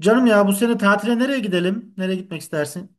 Canım ya bu sene tatile nereye gidelim? Nereye gitmek istersin?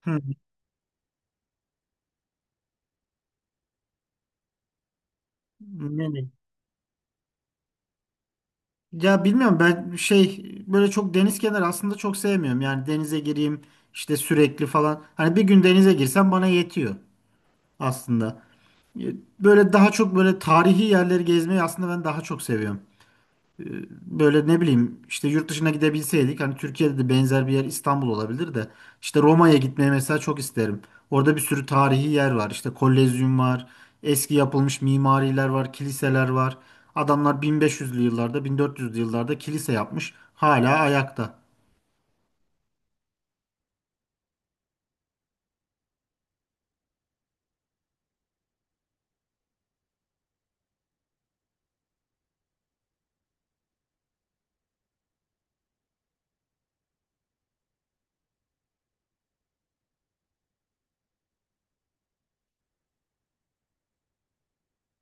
Hı. Nereye? Ya bilmiyorum ben şey böyle çok deniz kenarı aslında çok sevmiyorum. Yani denize gireyim işte sürekli falan. Hani bir gün denize girsem bana yetiyor aslında. Böyle daha çok böyle tarihi yerleri gezmeyi aslında ben daha çok seviyorum. Böyle ne bileyim işte yurt dışına gidebilseydik hani Türkiye'de de benzer bir yer İstanbul olabilir de işte Roma'ya gitmeyi mesela çok isterim. Orada bir sürü tarihi yer var. İşte Kolezyum var. Eski yapılmış mimariler var, kiliseler var. Adamlar 1500'lü yıllarda, 1400'lü yıllarda kilise yapmış. Hala ayakta.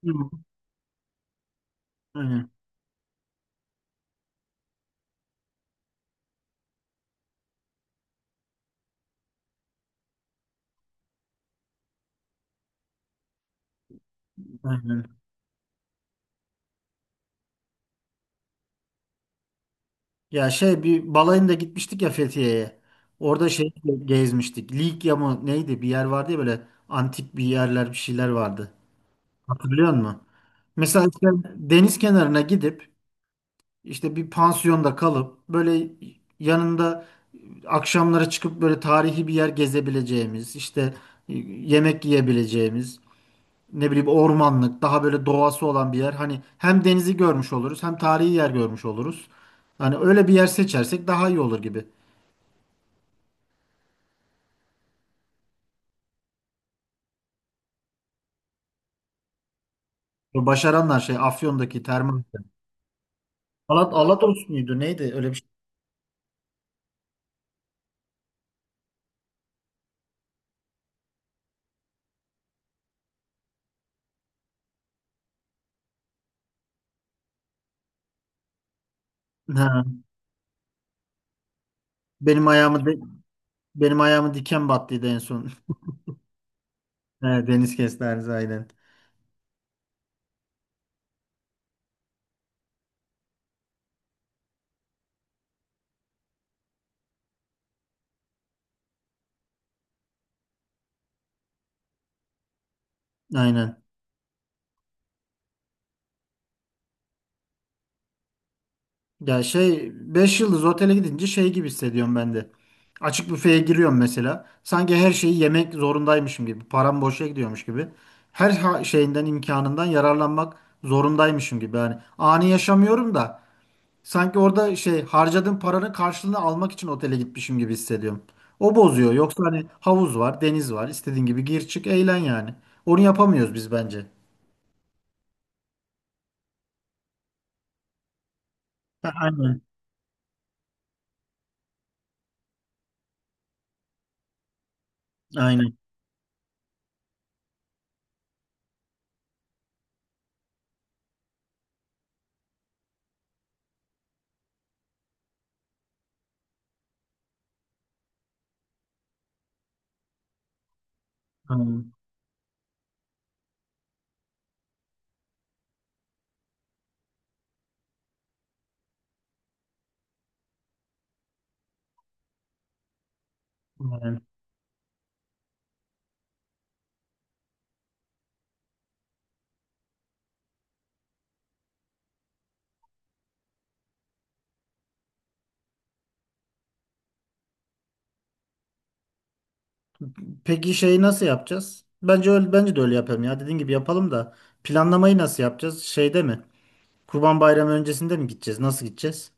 Hı, aynen, aynen. Ya şey bir balayında gitmiştik ya Fethiye'ye. Orada şey gezmiştik. Likya mı neydi? Bir yer vardı ya böyle antik bir yerler bir şeyler vardı. Hatırlıyor musun? Mesela işte deniz kenarına gidip işte bir pansiyonda kalıp böyle yanında akşamlara çıkıp böyle tarihi bir yer gezebileceğimiz, işte yemek yiyebileceğimiz, ne bileyim ormanlık, daha böyle doğası olan bir yer. Hani hem denizi görmüş oluruz, hem tarihi yer görmüş oluruz. Hani öyle bir yer seçersek daha iyi olur gibi. Başaranlar şey Afyon'daki termal. Alados muydu? Neydi? Öyle bir şey. Ha, benim ayağımı benim ayağımı diken battıydı en son. Evet, deniz kestanesi aynen. Aynen. Ya şey 5 yıldız otele gidince şey gibi hissediyorum ben de. Açık büfeye giriyorum mesela. Sanki her şeyi yemek zorundaymışım gibi. Param boşa gidiyormuş gibi. Her şeyinden imkanından yararlanmak zorundaymışım gibi. Yani ani yaşamıyorum da sanki orada şey harcadığım paranın karşılığını almak için otele gitmişim gibi hissediyorum. O bozuyor. Yoksa hani havuz var, deniz var. İstediğin gibi gir çık eğlen yani. Onu yapamıyoruz biz bence. Ha, aynen. Aynen. Aynen. Aynen. Peki şeyi nasıl yapacağız? Bence öyle, bence de öyle yapalım ya. Dediğin gibi yapalım da planlamayı nasıl yapacağız? Şeyde mi? Kurban Bayramı öncesinde mi gideceğiz? Nasıl gideceğiz?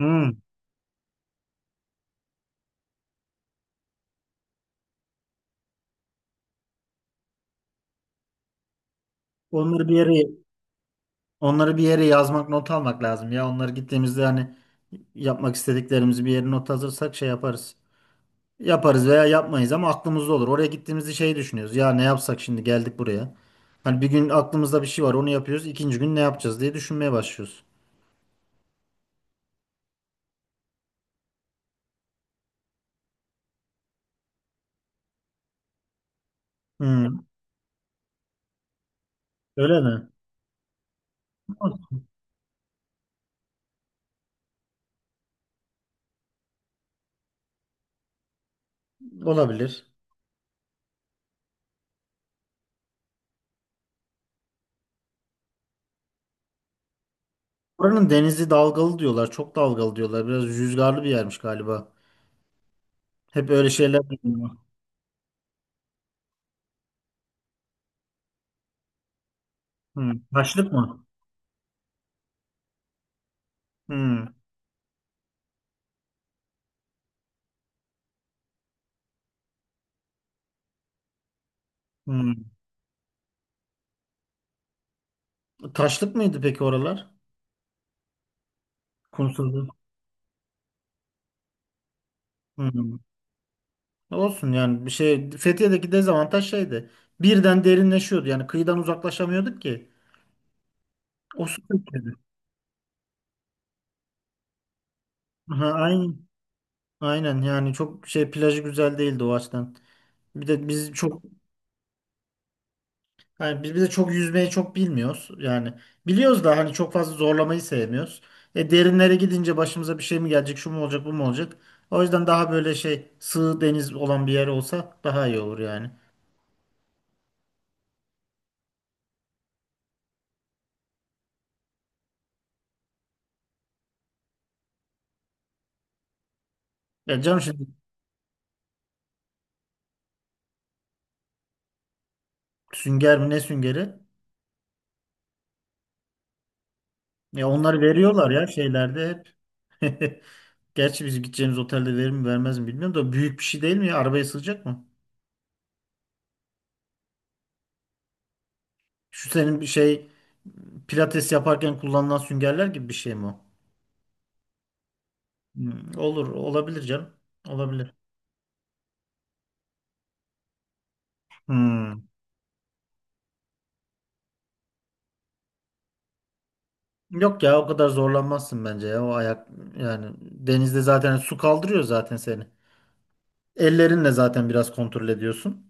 Hmm. Onları bir yere Onları bir yere yazmak, not almak lazım ya. Onları gittiğimizde hani yapmak istediklerimizi bir yere not alırsak şey yaparız. Yaparız veya yapmayız ama aklımızda olur. Oraya gittiğimizde şey düşünüyoruz. Ya ne yapsak şimdi geldik buraya. Hani bir gün aklımızda bir şey var onu yapıyoruz. İkinci gün ne yapacağız diye düşünmeye başlıyoruz. Hmm. Öyle mi? Olabilir. Buranın denizi dalgalı diyorlar. Çok dalgalı diyorlar. Biraz rüzgarlı bir yermiş galiba. Hep öyle şeyler duyuyorum. Hmm. Taşlık mı? Hmm. Hmm. Taşlık mıydı peki oralar? Kumsuzluk. Hmm. Olsun yani bir şey Fethiye'deki dezavantaj şeydi. Birden derinleşiyordu. Yani kıyıdan uzaklaşamıyorduk ki. O su kötüydü. Aha, aynen. Aynen yani çok şey plajı güzel değildi o açıdan. Bir de biz çok Hani biz bir de çok yüzmeyi çok bilmiyoruz. Yani biliyoruz da hani çok fazla zorlamayı sevmiyoruz. Derinlere gidince başımıza bir şey mi gelecek, şu mu olacak, bu mu olacak? O yüzden daha böyle şey sığ deniz olan bir yer olsa daha iyi olur yani. Ya canım şimdi sünger mi ne süngeri? Ya onları veriyorlar ya şeylerde hep. Gerçi biz gideceğimiz otelde verir mi vermez mi bilmiyorum da büyük bir şey değil mi ya? Arabaya sığacak mı? Şu senin bir şey pilates yaparken kullanılan süngerler gibi bir şey mi o? Hmm, olur, olabilir canım. Olabilir. Hmm. Yok ya o kadar zorlanmazsın bence ya o ayak yani denizde zaten su kaldırıyor zaten seni. Ellerinle zaten biraz kontrol ediyorsun.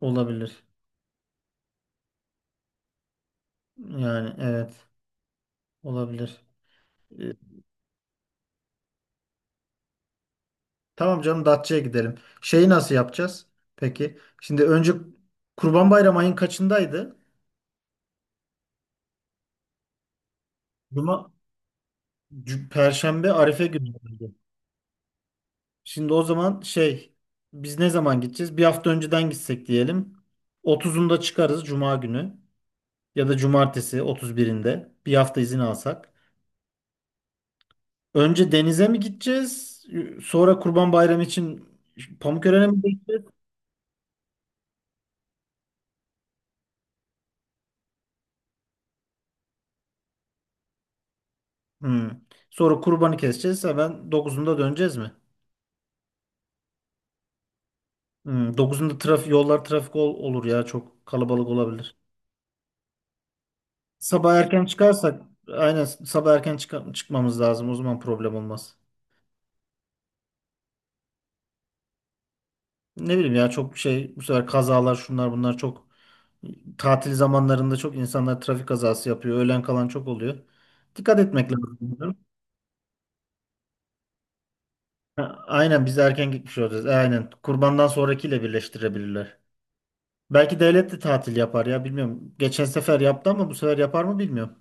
Olabilir. Yani evet olabilir. Ee, tamam canım Datça'ya gidelim. Şeyi nasıl yapacağız? Peki. Şimdi önce Kurban Bayramı ayın kaçındaydı? Cuma, Perşembe Arife günüydü. Şimdi o zaman şey biz ne zaman gideceğiz? Bir hafta önceden gitsek diyelim. 30'unda çıkarız Cuma günü. Ya da cumartesi 31'inde bir hafta izin alsak. Önce denize mi gideceğiz? Sonra Kurban Bayramı için Pamukören'e mi gideceğiz? Hmm. Sonra kurbanı keseceğiz. Hemen dokuzunda döneceğiz mi? Hmm. 9'unda trafik, yollar trafik olur ya. Çok kalabalık olabilir. Sabah erken çıkarsak aynen sabah erken çıkmamız lazım. O zaman problem olmaz. Ne bileyim ya çok şey bu sefer kazalar şunlar bunlar çok. Tatil zamanlarında çok insanlar trafik kazası yapıyor. Öğlen kalan çok oluyor. Dikkat etmek lazım bunlara. Ha, aynen biz erken gitmiş olacağız. Aynen. Kurbandan sonrakiyle birleştirebilirler. Belki devlet de tatil yapar ya bilmiyorum. Geçen sefer yaptı ama bu sefer yapar mı bilmiyorum.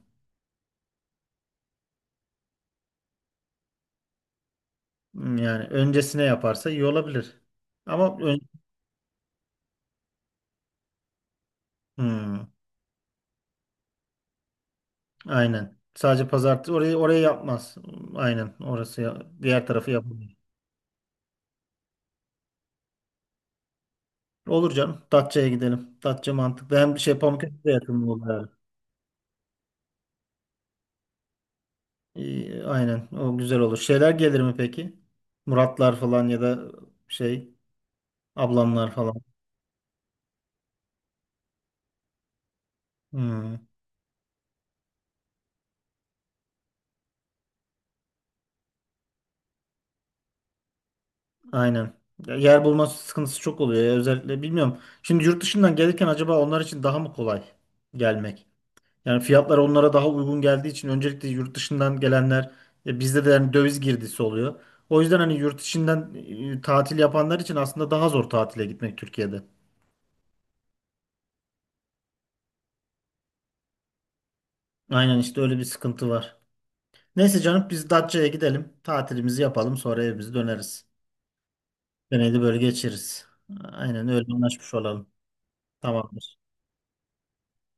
Hmm, yani öncesine yaparsa iyi olabilir. Ama. Hmm, aynen. Sadece pazartesi orayı yapmaz. Aynen orası diğer tarafı yapamıyor. Olur canım. Datça'ya gidelim. Datça mantıklı. Hem şey Pamukkale'de yakın olur. İyi, aynen o güzel olur. Şeyler gelir mi peki? Muratlar falan ya da şey ablamlar falan. Hmm, aynen. Ya yer bulma sıkıntısı çok oluyor ya özellikle bilmiyorum. Şimdi yurt dışından gelirken acaba onlar için daha mı kolay gelmek? Yani fiyatlar onlara daha uygun geldiği için öncelikle yurt dışından gelenler bizde de yani döviz girdisi oluyor. O yüzden hani yurt içinden tatil yapanlar için aslında daha zor tatile gitmek Türkiye'de. Aynen işte öyle bir sıkıntı var. Neyse canım biz Datça'ya gidelim. Tatilimizi yapalım. Sonra evimize döneriz. Deneyli böyle geçiriz. Aynen öyle anlaşmış olalım. Tamamdır.